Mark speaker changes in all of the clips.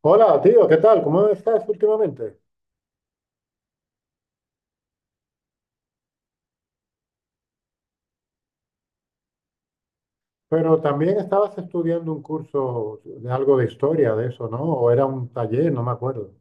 Speaker 1: Hola, tío, ¿qué tal? ¿Cómo estás últimamente? Pero también estabas estudiando un curso de algo de historia de eso, ¿no? O era un taller, no me acuerdo.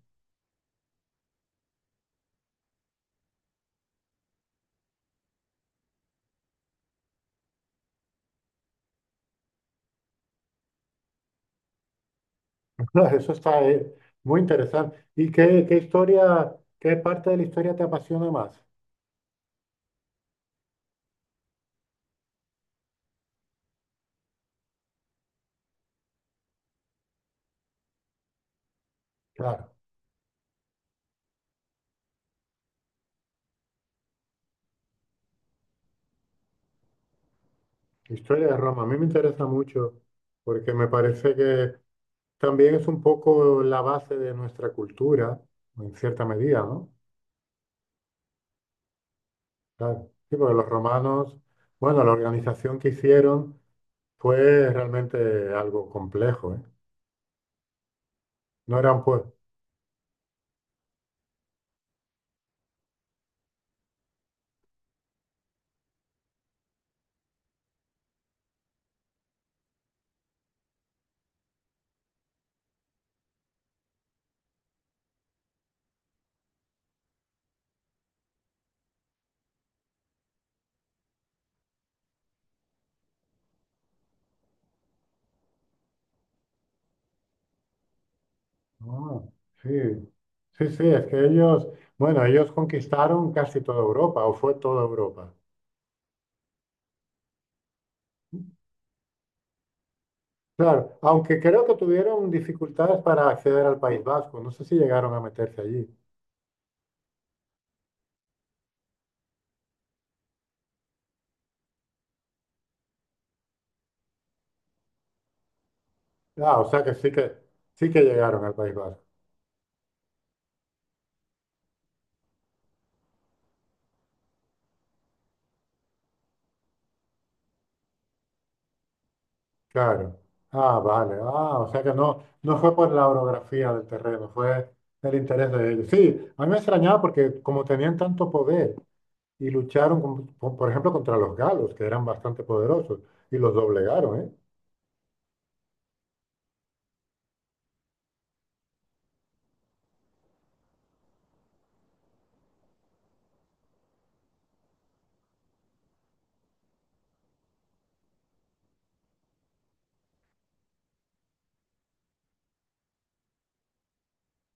Speaker 1: Eso está muy interesante. ¿Y qué, qué historia, qué parte de la historia te apasiona más? Claro, historia de Roma. A mí me interesa mucho porque me parece que también es un poco la base de nuestra cultura, en cierta medida, ¿no? Claro, sí, porque los romanos, bueno, la organización que hicieron. Fue realmente algo complejo, ¿eh? No eran pueblos. No, sí, sí, sí, es que ellos, bueno, ellos conquistaron casi toda Europa, o fue toda Europa. Claro, aunque creo que tuvieron dificultades para acceder al País Vasco, no sé si llegaron a meterse allí. Ah, o sea que sí que, sí que llegaron al País Vasco, claro. Ah, vale, ah, o sea que no, no fue por la orografía del terreno, fue el interés de ellos. Sí, a mí me extrañaba porque como tenían tanto poder. Y lucharon, por ejemplo, contra los galos, que eran bastante poderosos, y los doblegaron, ¿eh?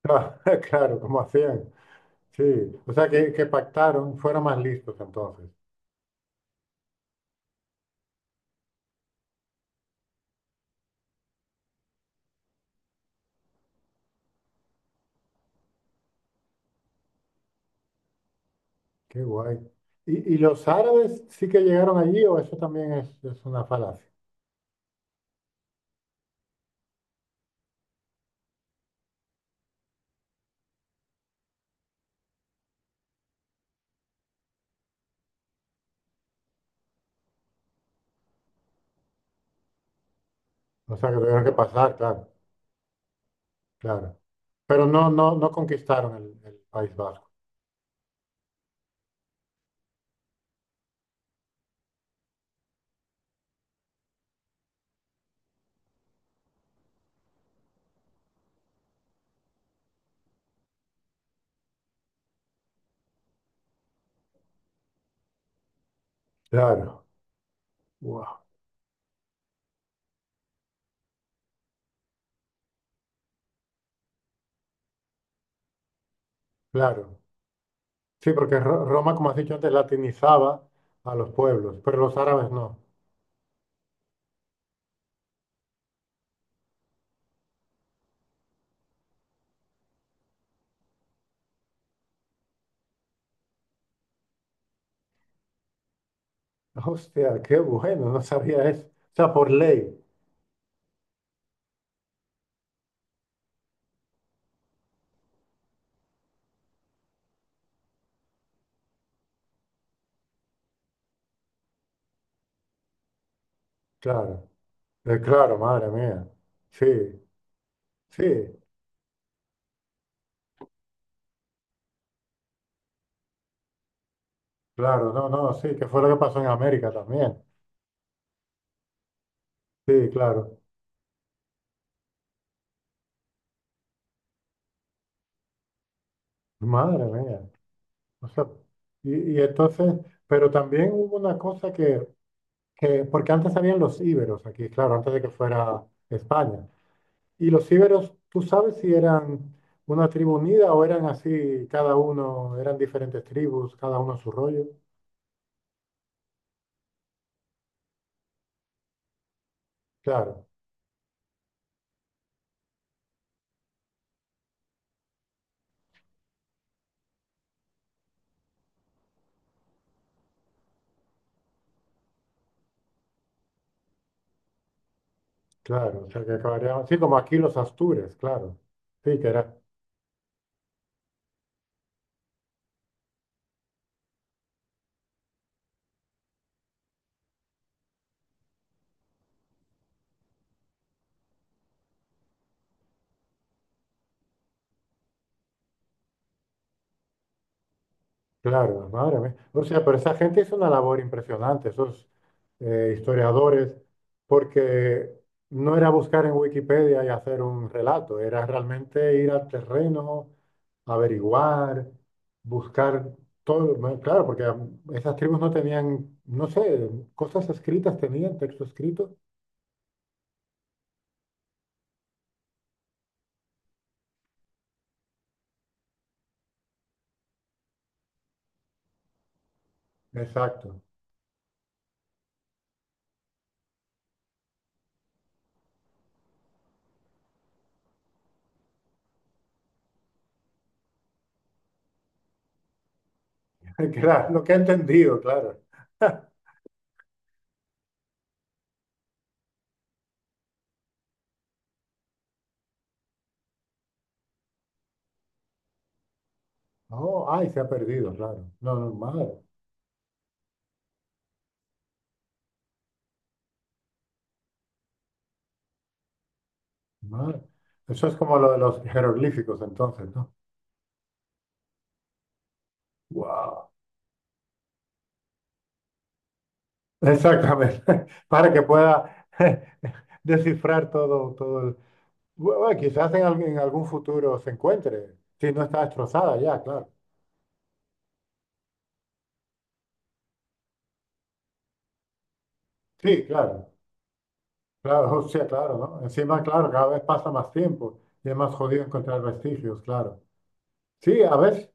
Speaker 1: Ah, claro, como hacían. Sí, o sea que pactaron, fueron más listos entonces. Qué guay. Y los árabes sí que llegaron allí o eso también es una falacia? O sea que tuvieron que pasar, claro, claro. Pero no, no, no conquistaron el País Vasco. Claro, wow, claro. Sí, porque Roma, como has dicho antes, latinizaba a los pueblos, pero los árabes no. Hostia, qué bueno, no sabía eso. O sea, por ley, claro. Claro, madre mía. Sí, sí, claro, no, no, sí, que fue lo que pasó en América también. Sí, claro. Madre mía. O sea, y entonces, pero también hubo una cosa que, porque antes habían los íberos aquí, claro, antes de que fuera España. Y los íberos, ¿tú sabes si eran una tribu unida o eran así, cada uno, eran diferentes tribus, cada uno a su rollo? Claro. Claro, o sea que acabaría, sí, como aquí los Astures, claro. Sí, que era, claro, madre mía. O sea, pero esa gente hizo una labor impresionante, esos historiadores, porque no era buscar en Wikipedia y hacer un relato, era realmente ir al terreno, averiguar, buscar todo, bueno, claro, porque esas tribus no tenían, no sé, cosas escritas tenían, texto escrito. Exacto, claro, lo que he entendido, claro. Oh, ay, se ha perdido, claro. No, no, madre, madre. Eso es como lo de los jeroglíficos, entonces, ¿no? Wow. Exactamente. Para que pueda descifrar todo, todo el... Bueno, quizás en, en algún futuro se encuentre, si no está destrozada ya, claro. Sí, claro. Claro, o sea, claro, ¿no? Encima, claro, cada vez pasa más tiempo y es más jodido encontrar vestigios, claro. Sí, a ver,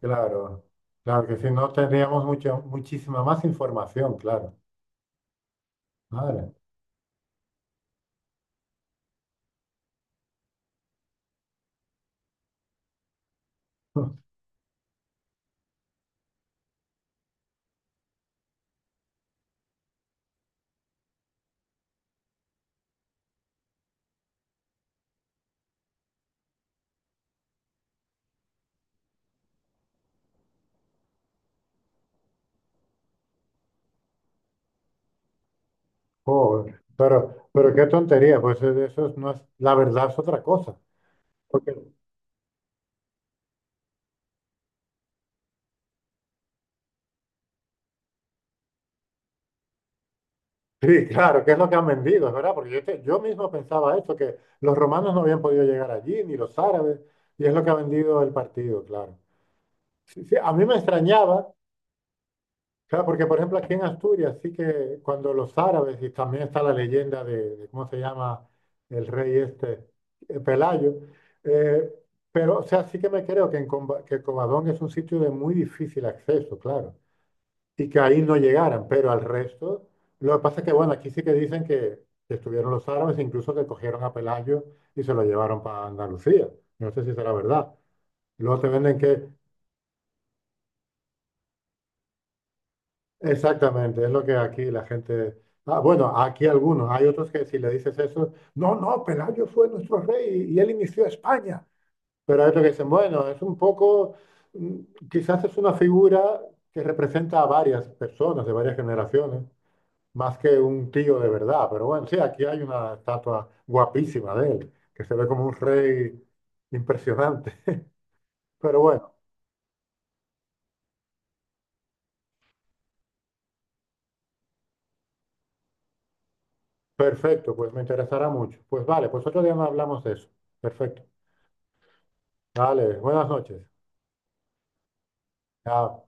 Speaker 1: claro. Claro que si no tendríamos mucha, muchísima más información, claro. Madre. Joder, pero qué tontería, pues eso no es, la verdad es otra cosa. Porque, sí, claro, que es lo que han vendido, es verdad, porque yo, yo mismo pensaba esto, que los romanos no habían podido llegar allí, ni los árabes, y es lo que ha vendido el partido, claro. Sí, sí, a mí me extrañaba, claro, porque por ejemplo aquí en Asturias, sí que cuando los árabes, y también está la leyenda de ¿cómo se llama el rey este? Pelayo, eh, pero, o sea, sí que me creo que, en que Covadonga es un sitio de muy difícil acceso, claro. Y que ahí no llegaran, pero al resto, lo que pasa es que, bueno, aquí sí que dicen que estuvieron los árabes, incluso que cogieron a Pelayo y se lo llevaron para Andalucía. No sé si será verdad. Y luego te venden que, exactamente, es lo que aquí la gente... Ah, bueno, aquí algunos, hay otros que si le dices eso, no, no, Pelayo fue nuestro rey y él inició España. Pero hay otros que dicen, bueno, es un poco, mm, quizás es una figura que representa a varias personas de varias generaciones. Más que un tío de verdad. Pero bueno, sí, aquí hay una estatua guapísima de él, que se ve como un rey impresionante. Pero bueno, perfecto, pues me interesará mucho. Pues vale, pues otro día nos hablamos de eso. Perfecto. Vale, buenas noches. Chao.